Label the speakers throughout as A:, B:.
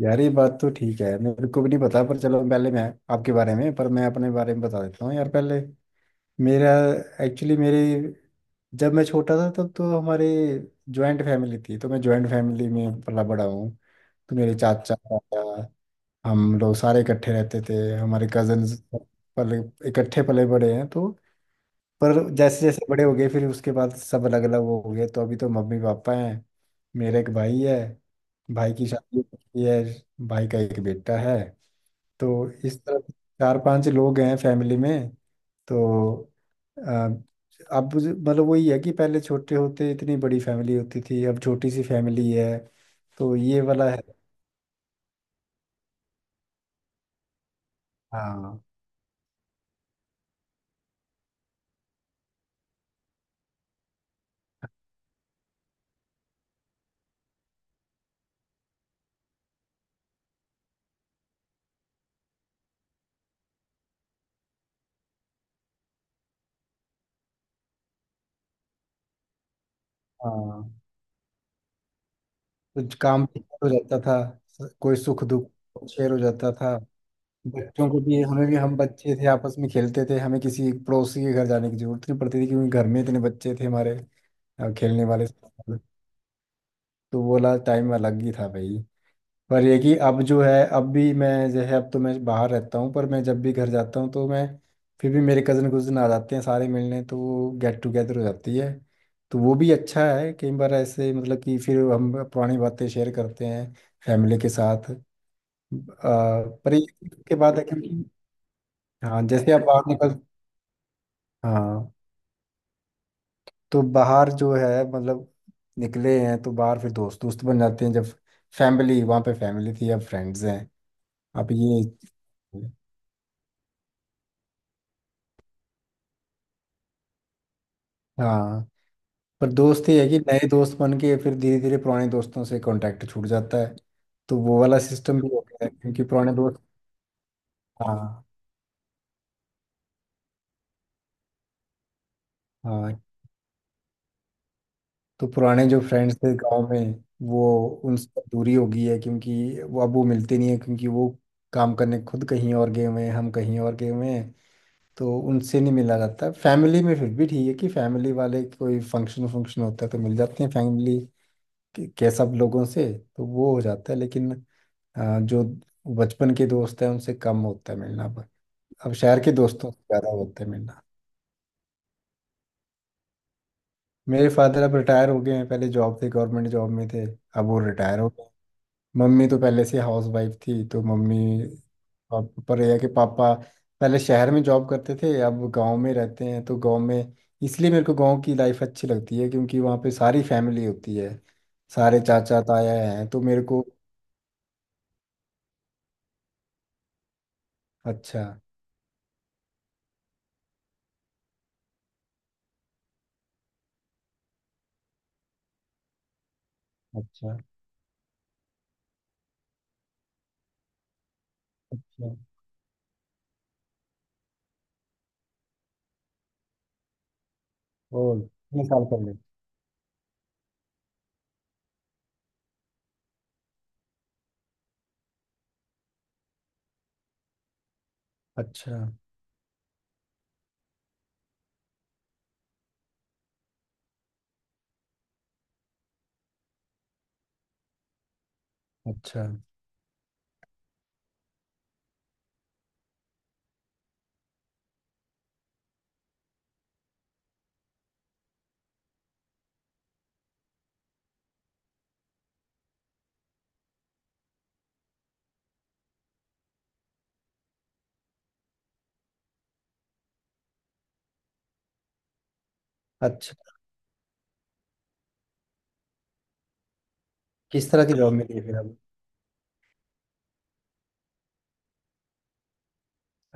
A: यार ये बात तो ठीक है। मेरे को भी नहीं पता। पर चलो पहले मैं आपके बारे में पर मैं अपने बारे में बता देता हूँ यार पहले। मेरा एक्चुअली मेरे जब मैं छोटा था तब तो हमारे जॉइंट फैमिली थी, तो मैं जॉइंट फैमिली में पला बड़ा हूँ। तो मेरे चाचा ताया, हम लोग सारे इकट्ठे रहते थे, हमारे कजन पले इकट्ठे पले बड़े हैं। तो पर जैसे जैसे बड़े हो गए फिर उसके बाद सब अलग अलग हो गए। तो अभी तो मम्मी पापा हैं। मेरा एक भाई है, भाई की शादी हो चुकी है, भाई का एक बेटा है। तो इस तरह चार पांच लोग हैं फैमिली में। तो अ, अब मतलब वही है कि पहले छोटे होते इतनी बड़ी फैमिली होती थी, अब छोटी सी फैमिली है। तो ये वाला है। हाँ। हाँ, तो काम भी शेयर हो जाता था, कोई सुख दुख शेयर हो जाता था। बच्चों को भी, हमें भी, हम बच्चे थे आपस में खेलते थे, हमें किसी पड़ोसी के घर जाने की जरूरत नहीं पड़ती थी क्योंकि घर में इतने बच्चे थे हमारे खेलने वाले। तो वो वाला टाइम अलग ही था भाई। पर ये कि अब जो है, अब भी मैं जो है, अब तो मैं बाहर रहता हूँ। पर मैं जब भी घर जाता हूँ तो मैं फिर भी मेरे कज़न कुज़न आ जाते हैं सारे मिलने, तो वो गेट टुगेदर हो जाती है। तो वो भी अच्छा है, कई बार ऐसे मतलब कि फिर हम पुरानी बातें शेयर करते हैं फैमिली के साथ। पर ये के बाद है कि हाँ, जैसे आप बाहर निकल। हाँ, तो बाहर जो है मतलब निकले हैं तो बाहर फिर दोस्त दोस्त बन जाते हैं, जब फैमिली वहाँ पे फैमिली थी, अब फ्रेंड्स हैं। अब ये। हाँ, पर दोस्त ये है कि नए दोस्त बन के फिर धीरे धीरे पुराने दोस्तों से कांटेक्ट छूट जाता है। तो वो वाला सिस्टम भी होता है, क्योंकि पुराने दोस्त। हाँ। हाँ, तो पुराने जो फ्रेंड्स थे गांव में, वो उनसे दूरी हो गई है क्योंकि वो अब वो मिलते नहीं है क्योंकि वो काम करने खुद कहीं और गए हुए हैं, हम कहीं और गए हुए हैं, तो उनसे नहीं मिला जाता। फैमिली में फिर भी ठीक है कि फैमिली वाले कोई फंक्शन फंक्शन होता है तो मिल जाते हैं फैमिली के सब लोगों से, तो वो हो जाता है। लेकिन जो बचपन के दोस्त हैं उनसे कम होता है मिलना अब। अब शहर के दोस्तों से ज़्यादा होता है मिलना। मेरे फादर अब रिटायर हो गए हैं, पहले जॉब थे, गवर्नमेंट जॉब में थे, अब वो रिटायर हो गए। मम्मी तो पहले से हाउस वाइफ थी, तो मम्मी पर यह है कि पापा पहले शहर में जॉब करते थे, अब गांव में रहते हैं। तो गांव में, इसलिए मेरे को गांव की लाइफ अच्छी लगती है क्योंकि वहाँ पे सारी फैमिली होती है, सारे चाचा ताया हैं, तो मेरे को। अच्छा। अच्छा, अच्छा और कितने साल पहले? अच्छा अच्छा। अच्छा, किस तरह की जॉब मिली है फिर अब?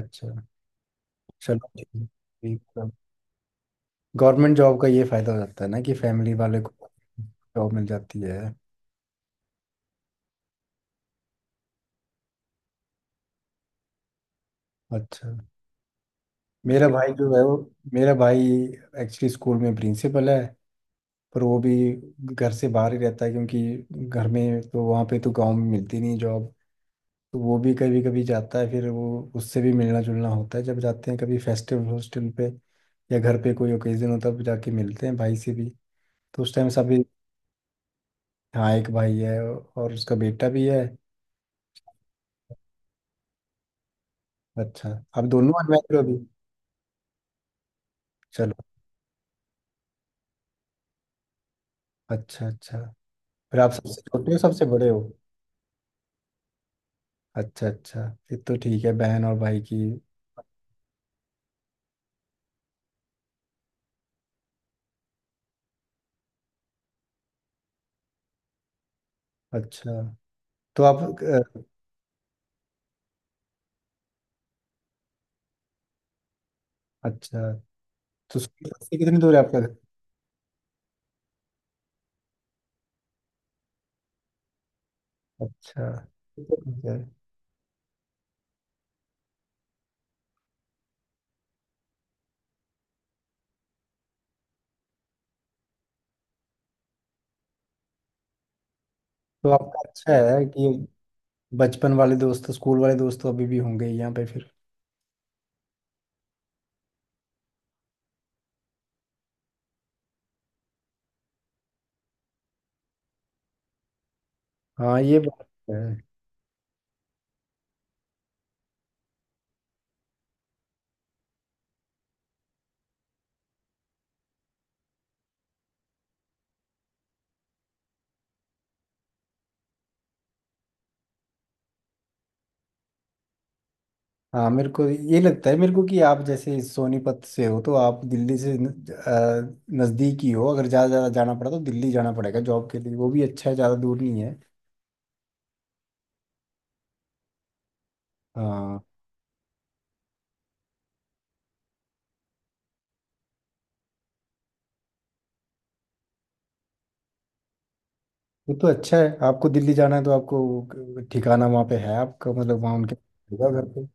A: अच्छा, चलो ठीक। ठीक, गवर्नमेंट जॉब का ये फायदा हो जाता है ना कि फैमिली वाले को जॉब मिल जाती है। अच्छा, मेरा भाई जो है वो, मेरा भाई एक्चुअली स्कूल में प्रिंसिपल है। पर वो भी घर से बाहर ही रहता है क्योंकि घर में तो वहाँ पे तो गांव में मिलती नहीं जॉब। तो वो भी कभी कभी जाता है, फिर वो उससे भी मिलना जुलना होता है जब जाते हैं कभी फेस्टिवल हॉस्टल पे, या घर पे कोई ओकेजन होता है तब जाके मिलते हैं भाई से भी, तो उस टाइम सभी। हाँ, एक भाई है और उसका बेटा भी है। अच्छा, आप दोनों अनमैरिड हो अभी? चलो। अच्छा, अच्छा फिर आप सबसे छोटे हो सबसे बड़े हो? अच्छा अच्छा, फिर तो ठीक है बहन और भाई की। अच्छा, तो आप। अच्छा, तो स्कूल से कितनी दूर है आपका घर? अच्छा, फिर तो ठीक है। तो आपका अच्छा है कि बचपन वाले दोस्त स्कूल वाले दोस्त तो अभी भी होंगे ही यहाँ पे फिर। हाँ ये बात तो है। हाँ, मेरे को ये लगता है मेरे को कि आप जैसे सोनीपत से हो तो आप दिल्ली से नज़दीक ही हो। अगर ज़्यादा ज़्यादा जाना पड़ा तो दिल्ली जाना पड़ेगा जॉब के लिए, वो भी अच्छा है, ज़्यादा दूर नहीं है। हाँ, वो तो अच्छा है, आपको दिल्ली जाना है तो आपको ठिकाना वहाँ पे है आपका, मतलब वहाँ उनके होगा घर पे।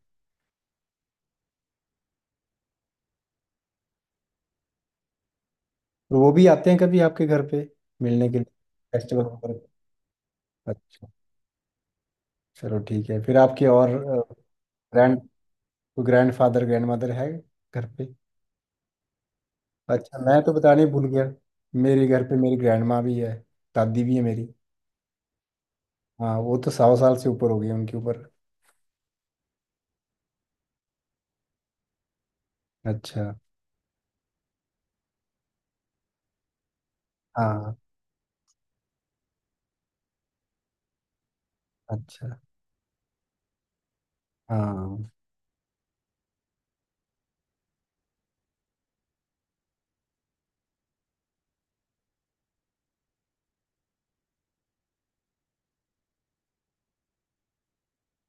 A: और वो भी आते हैं कभी आपके घर पे मिलने के लिए, फेस्टिवल पर? अच्छा, चलो ठीक है फिर आपके और grand grandfather grandmother है घर पे? अच्छा, मैं तो बताने ही भूल गया। मेरे घर पे मेरी ग्रैंड माँ भी है, दादी भी है मेरी। हाँ, वो तो 100 साल से ऊपर हो गई है उनके ऊपर। अच्छा। हाँ। अच्छा। हाँ,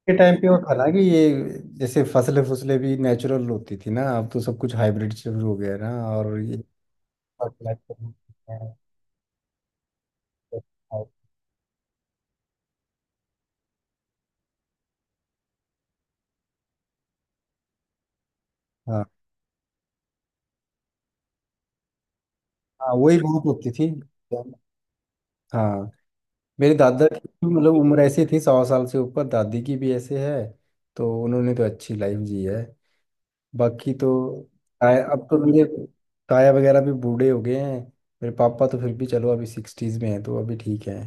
A: के टाइम पे वो था ना कि ये जैसे फसलें फसलें भी नेचुरल होती थी ना, अब तो सब कुछ हाइब्रिड शुरू हो गया है ना। और ये। हाँ। हाँ वही बहुत होती थी। हाँ, मेरे दादा की भी मतलब उम्र ऐसी थी 100 साल से ऊपर, दादी की भी ऐसे है। तो उन्होंने तो अच्छी लाइफ जी है। बाकी तो ताया, अब तो मेरे ताया वगैरह भी बूढ़े हो गए हैं। मेरे पापा तो फिर भी चलो अभी सिक्सटीज में हैं तो अभी ठीक है।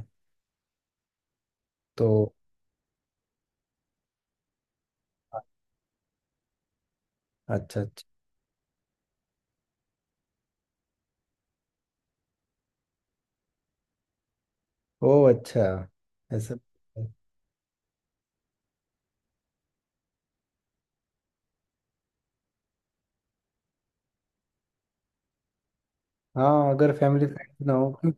A: तो अच्छा। अच्छा। ओ अच्छा, ऐसा। हाँ, अगर फैमिली फ्रेंड्स ना हो तो।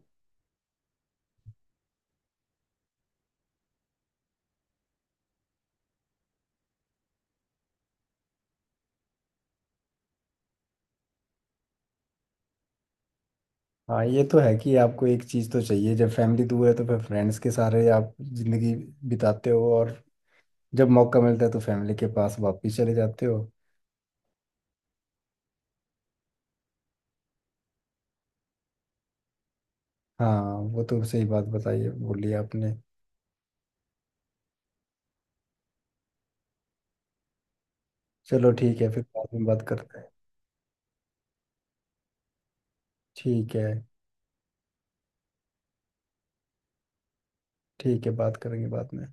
A: हाँ ये तो है कि आपको एक चीज़ तो चाहिए, जब फैमिली दूर है तो फिर फ्रेंड्स के सारे आप जिंदगी बिताते हो, और जब मौका मिलता है तो फैमिली के पास वापस चले जाते हो। हाँ, वो तो सही बात बताई है बोली आपने। चलो ठीक है फिर बाद में बात करते हैं। ठीक है। ठीक है, बात करेंगे बाद में।